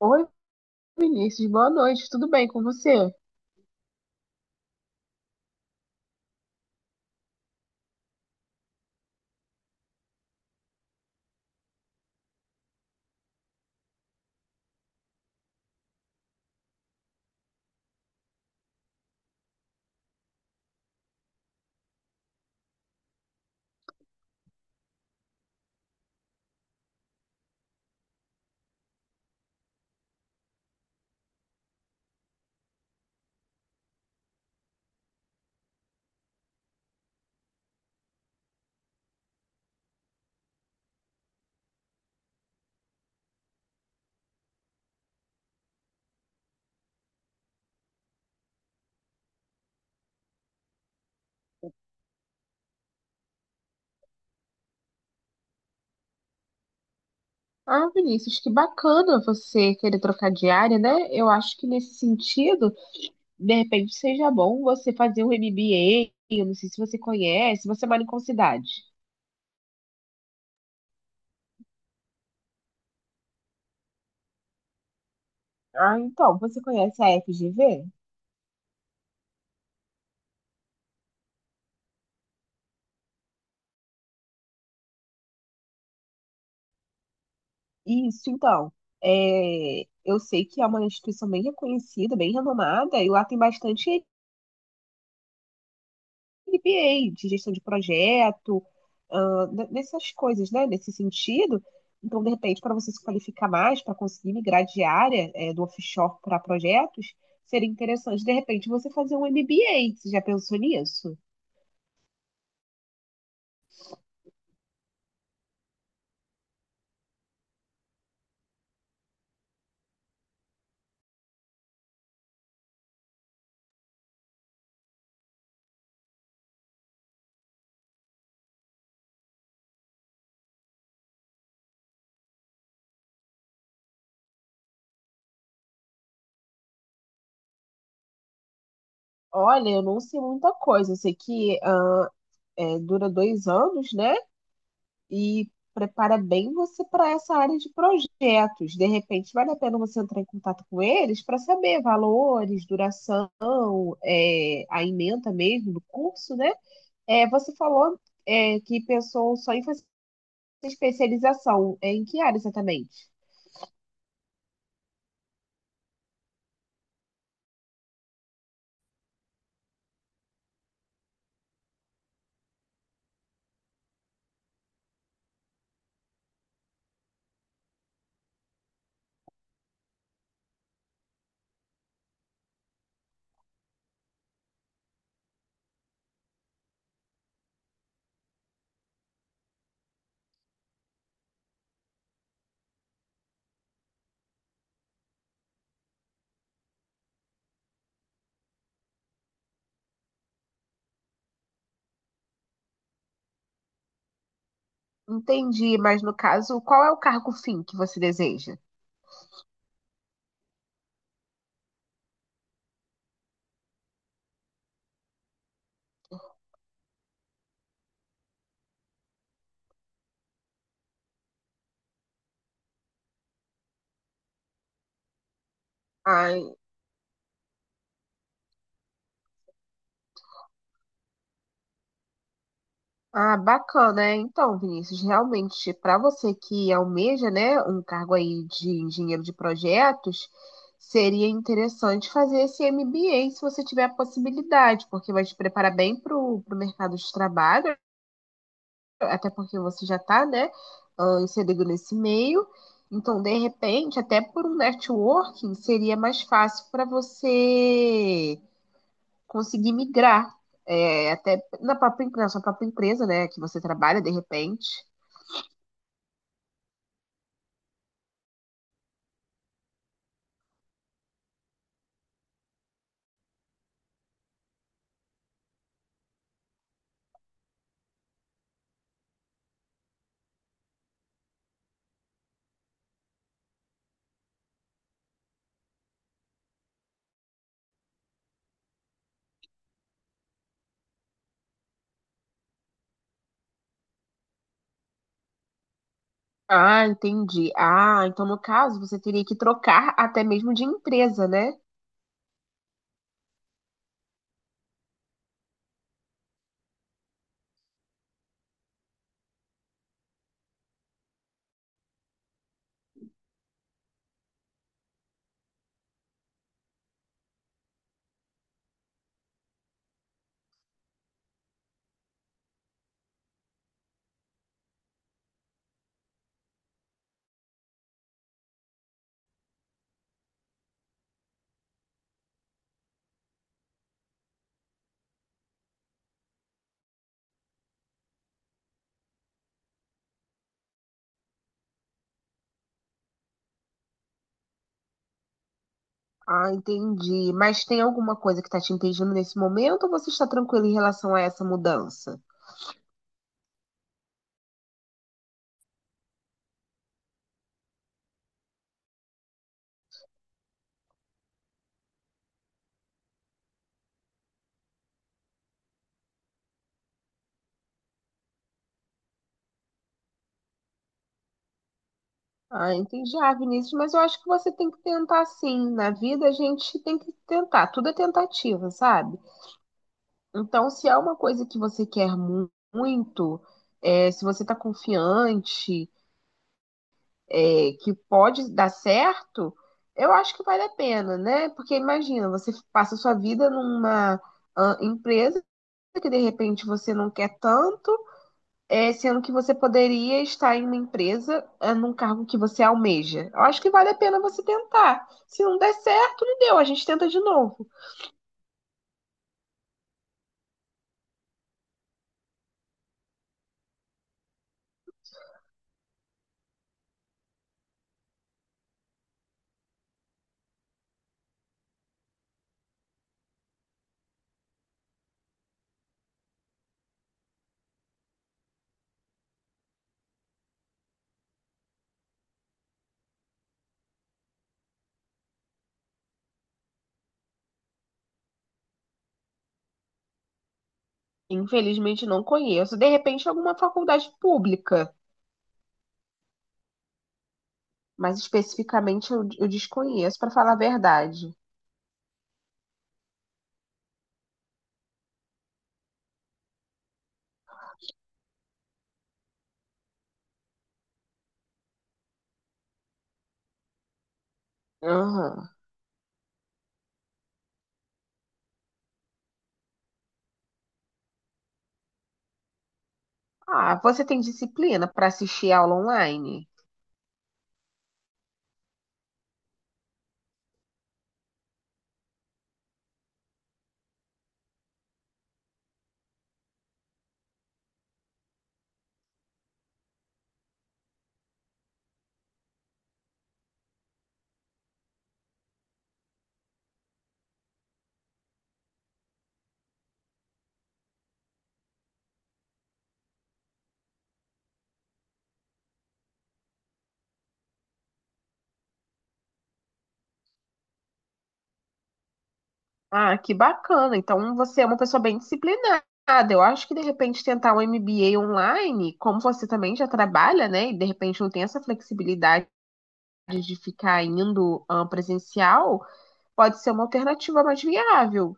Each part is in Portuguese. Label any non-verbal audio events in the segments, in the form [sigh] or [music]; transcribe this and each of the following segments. Oi, Vinícius, boa noite, tudo bem com você? Ah, Vinícius, que bacana você querer trocar de área, né? Eu acho que nesse sentido, de repente seja bom você fazer um MBA. Eu não sei se você conhece, você mora em qual cidade? Ah, então, você conhece a FGV? Isso, então. É, eu sei que é uma instituição bem reconhecida, bem renomada, e lá tem bastante MBA, de gestão de projeto, nessas coisas, né? Nesse sentido. Então, de repente, para você se qualificar mais, para conseguir migrar de área, do offshore para projetos, seria interessante, de repente, você fazer um MBA. Você já pensou nisso? Olha, eu não sei muita coisa. Eu sei que dura 2 anos, né? E prepara bem você para essa área de projetos. De repente, vale a pena você entrar em contato com eles para saber valores, duração, é, a ementa mesmo do curso, né? É, você falou, é, que pensou só em fazer especialização. É, em que área exatamente? Entendi, mas no caso, qual é o cargo fim que você deseja? Ai. Ah, bacana, é. Então, Vinícius, realmente, para você que almeja, né, um cargo aí de engenheiro de projetos, seria interessante fazer esse MBA se você tiver a possibilidade, porque vai te preparar bem para o mercado de trabalho, até porque você já está, né, inserido nesse meio. Então, de repente, até por um networking, seria mais fácil para você conseguir migrar, é, até na própria, na sua própria empresa, né, que você trabalha de repente. Ah, entendi. Ah, então no caso você teria que trocar até mesmo de empresa, né? Ah, entendi. Mas tem alguma coisa que está te impedindo nesse momento ou você está tranquilo em relação a essa mudança? Ah, entendi. Ah, Vinícius, mas eu acho que você tem que tentar sim. Na vida a gente tem que tentar, tudo é tentativa, sabe? Então, se é uma coisa que você quer muito, é, se você está confiante, é, que pode dar certo, eu acho que vale a pena, né? Porque imagina, você passa a sua vida numa empresa que de repente você não quer tanto, é, sendo que você poderia estar em uma empresa, é, num cargo que você almeja. Eu acho que vale a pena você tentar. Se não der certo, não deu, a gente tenta de novo. Infelizmente não conheço. De repente, alguma faculdade pública, mas especificamente eu desconheço, para falar a verdade. Aham. Ah, você tem disciplina para assistir aula online? Ah, que bacana. Então você é uma pessoa bem disciplinada. Eu acho que de repente tentar um MBA online, como você também já trabalha, né? E de repente não tem essa flexibilidade de ficar indo presencial, pode ser uma alternativa mais viável.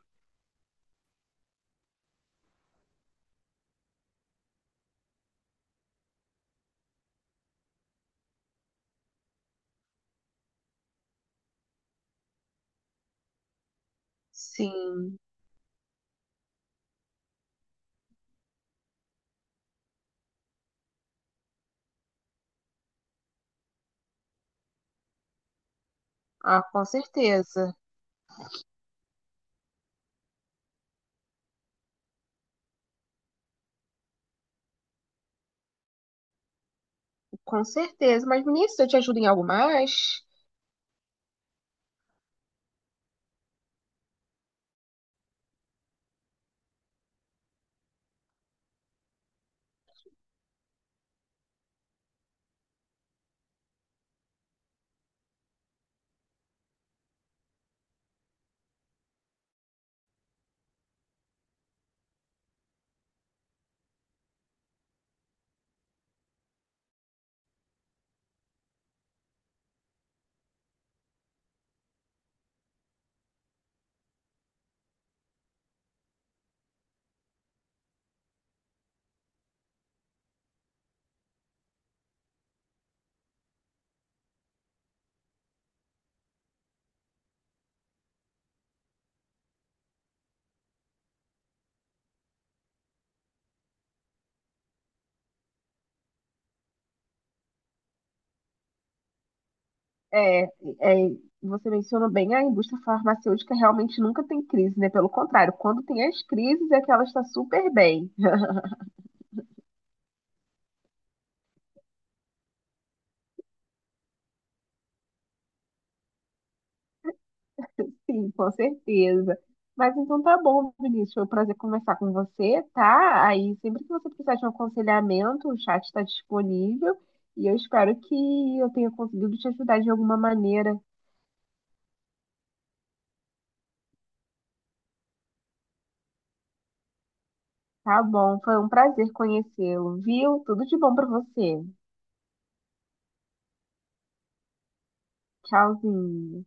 Sim. Ah, com certeza. Com certeza. Mas, menina, eu te ajudo em algo mais? É, é, você mencionou bem, a indústria farmacêutica realmente nunca tem crise, né? Pelo contrário, quando tem as crises é que ela está super bem. [laughs] Sim, com certeza. Mas então tá bom, Vinícius. Foi um prazer conversar com você, tá? Aí sempre que você precisar de um aconselhamento, o chat está disponível e eu espero que eu tenha conseguido te ajudar de alguma maneira. Tá bom, foi um prazer conhecê-lo, viu? Tudo de bom para você. Tchauzinho.